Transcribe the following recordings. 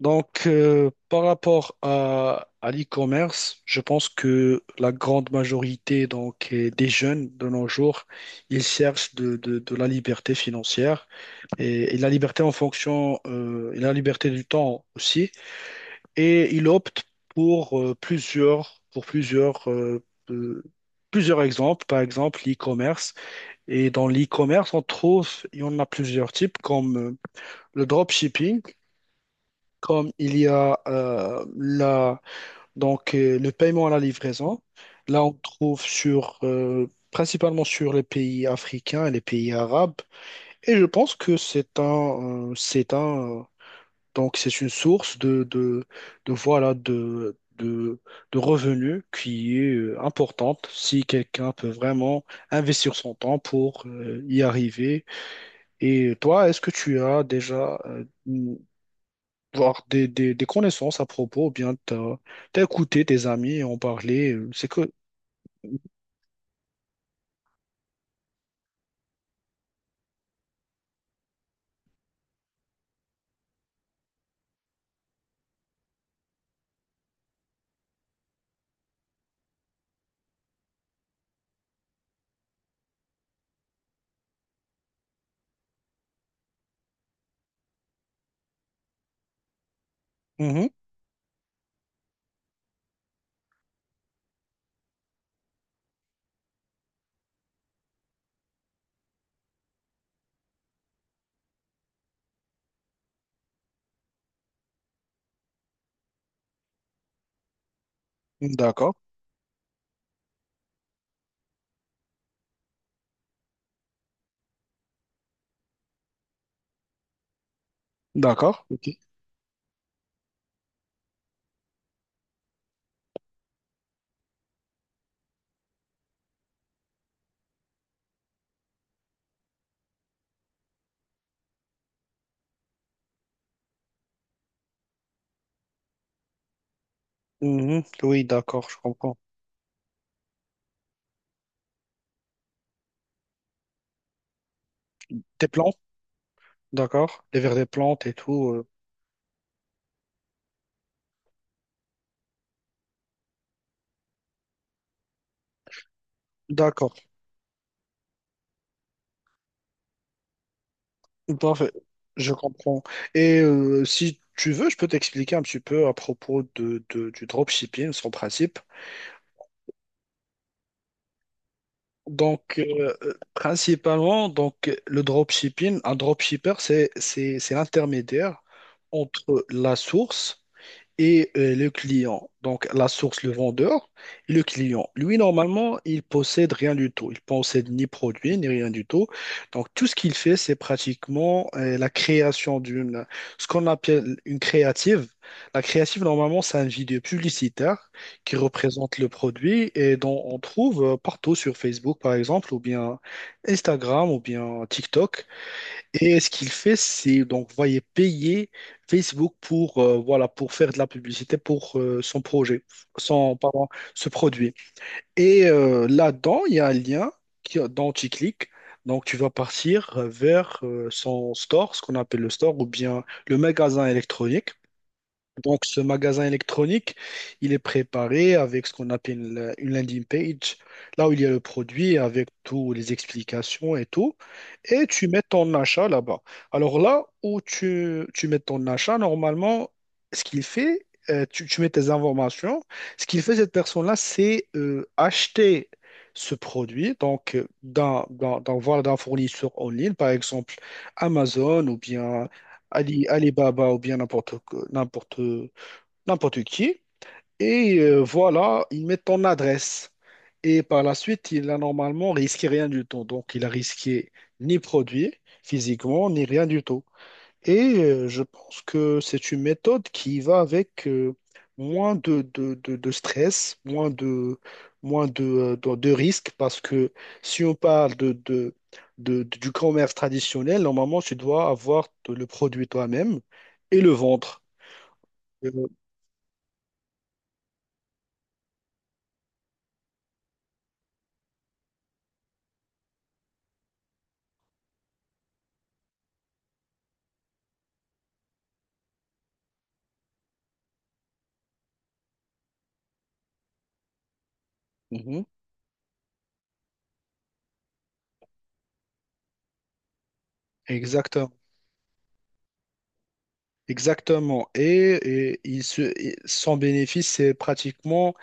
Par rapport à l'e-commerce, je pense que la grande majorité des jeunes de nos jours, ils cherchent de la liberté financière et la liberté en fonction, et la liberté du temps aussi. Et ils optent pour pour plusieurs, euh, plusieurs exemples, par exemple l'e-commerce. Et dans l'e-commerce, on trouve, il y en a plusieurs types, comme le dropshipping, comme il y a le paiement à la livraison, là, on trouve sur, principalement sur les pays africains et les pays arabes. Et je pense que donc c'est une source de voilà, de revenus qui est importante si quelqu'un peut vraiment investir son temps pour y arriver. Et toi, est-ce que tu as déjà voir des connaissances à propos, ou bien t'as écouté tes amis et en parler. C'est que. Mhm. D'accord, d'accord, ok. Mhm. Oui, d'accord, je comprends. Tes plantes, d'accord, les vers des plantes et tout. D'accord, parfait, je comprends. Et si tu veux, je peux t'expliquer un petit peu à propos du dropshipping, son principe. Principalement, donc, le dropshipping, un dropshipper, c'est l'intermédiaire entre la source et le client, donc la source, le vendeur, et le client. Lui, normalement, il possède rien du tout. Il possède ni produit, ni rien du tout. Donc, tout ce qu'il fait, c'est pratiquement la création d'une, ce qu'on appelle une créative. La créative, normalement, c'est un vidéo publicitaire qui représente le produit et dont on trouve partout sur Facebook, par exemple, ou bien Instagram, ou bien TikTok. Et ce qu'il fait, c'est donc voyez payer Facebook pour voilà pour faire de la publicité pour son projet, son pardon, ce produit. Et là-dedans, il y a un lien qui, dont tu cliques. Donc tu vas partir vers son store, ce qu'on appelle le store, ou bien le magasin électronique. Donc, ce magasin électronique, il est préparé avec ce qu'on appelle une landing page, là où il y a le produit avec toutes les explications et tout, et tu mets ton achat là-bas. Alors là où tu mets ton achat, normalement, ce qu'il fait, tu mets tes informations, ce qu'il fait cette personne-là, c'est acheter ce produit, donc d'un fournisseur en ligne, par exemple Amazon ou bien Alibaba ou bien n'importe que- n'importe n'importe qui. Et voilà, il met ton adresse. Et par la suite, il a normalement risqué rien du tout. Donc, il a risqué ni produit physiquement, ni rien du tout. Et je pense que c'est une méthode qui va avec moins de stress, moins de, de risques, parce que si on parle du commerce traditionnel, normalement, tu dois avoir le produit toi-même et le vendre. Euh, mhm. Exactement. Exactement. Et, et son bénéfice, c'est pratiquement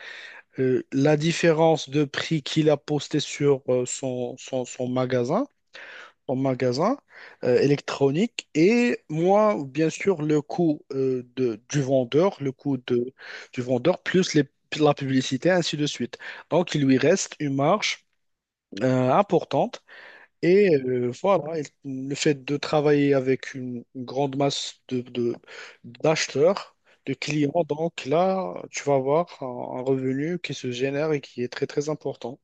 la différence de prix qu'il a posté sur son magasin électronique. Et moi, bien sûr, le coût du vendeur, le coût de, du vendeur, la publicité, ainsi de suite. Donc, il lui reste une marge importante. Et voilà, et le fait de travailler avec une grande masse d'acheteurs, de clients, donc là, tu vas avoir un revenu qui se génère et qui est très très important.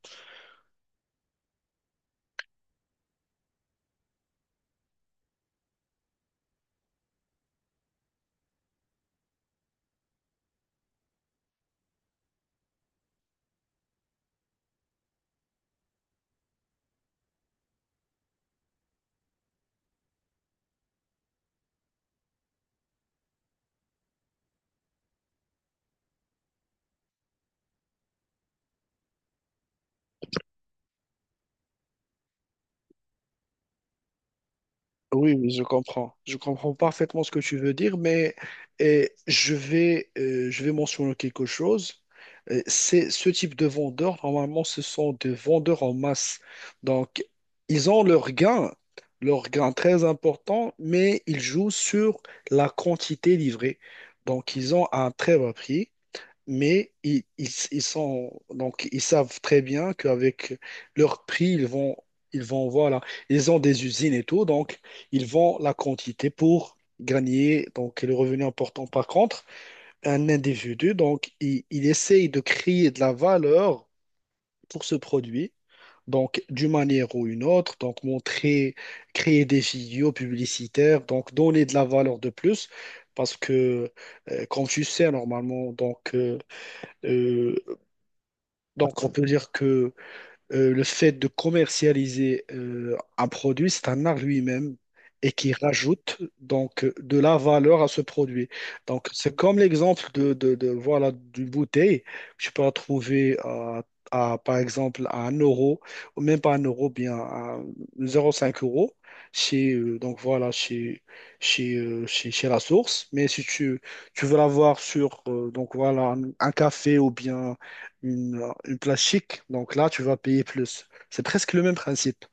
Oui, oui, je comprends. Je comprends parfaitement ce que tu veux dire, mais je vais mentionner quelque chose. C'est ce type de vendeurs, normalement, ce sont des vendeurs en masse. Donc, ils ont leur gain très important, mais ils jouent sur la quantité livrée. Donc, ils ont un très bas prix mais ils sont donc ils savent très bien qu'avec leur prix, ils vont voilà, ils ont des usines et tout, donc ils vendent la quantité pour gagner donc le revenu important. Par contre, un individu il essaye de créer de la valeur pour ce produit. Donc, d'une manière ou une autre, donc montrer, créer des vidéos publicitaires, donc donner de la valeur de plus, parce que, comme tu sais, normalement, euh, donc, on peut dire que le fait de commercialiser un produit, c'est un art lui-même et qui rajoute donc de la valeur à ce produit. Donc, c'est comme l'exemple voilà d'une bouteille. Tu peux la trouver par exemple à un euro ou même pas un euro, bien à 0,5 € chez donc voilà chez chez la source. Mais si tu veux l'avoir sur donc voilà un café ou bien une place chic. Donc là, tu vas payer plus. C'est presque le même principe.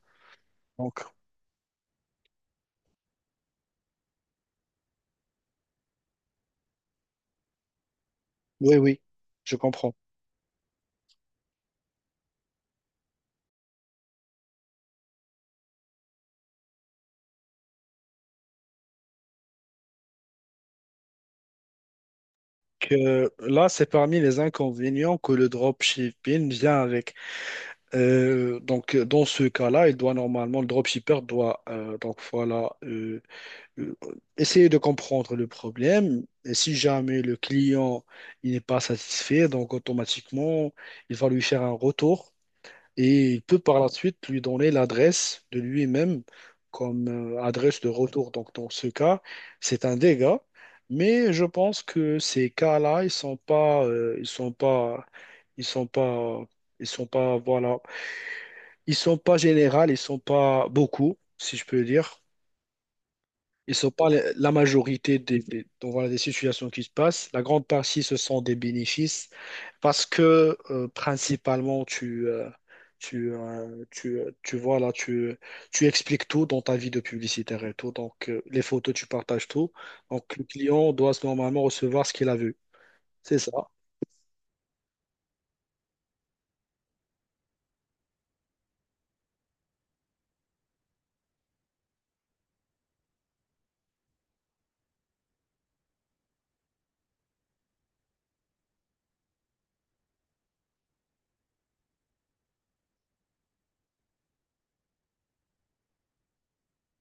Donc, oui, oui, je comprends. Que là, c'est parmi les inconvénients que le dropshipping vient avec. Donc, dans ce cas-là, il doit normalement, le dropshipper doit donc voilà euh, essayer de comprendre le problème. Et si jamais le client il n'est pas satisfait, donc automatiquement, il va lui faire un retour. Et il peut par la suite lui donner l'adresse de lui-même comme adresse de retour. Donc dans ce cas, c'est un dégât, mais je pense que ces cas-là, ils sont pas, ils sont pas, voilà, ils sont pas généraux, ils sont pas beaucoup, si je peux dire. Ils sont pas la majorité donc voilà, des situations qui se passent. La grande partie, ce sont des bénéfices parce que principalement, tu, vois, tu expliques tout dans ta vie de publicitaire et tout. Donc, les photos, tu partages tout. Donc, le client doit normalement recevoir ce qu'il a vu. C'est ça.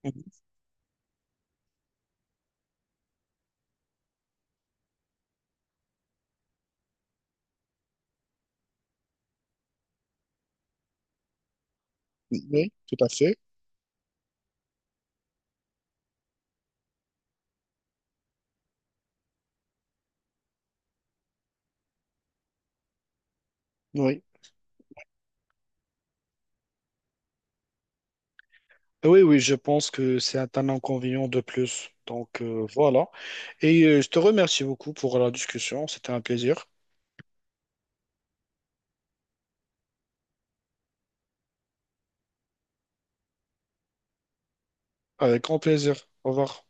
Mhm. Oui, tout à fait. Oui. Oui, oui, je pense que c'est un inconvénient de plus. Donc voilà. Et je te remercie beaucoup pour la discussion. C'était un plaisir. Avec grand plaisir. Au revoir.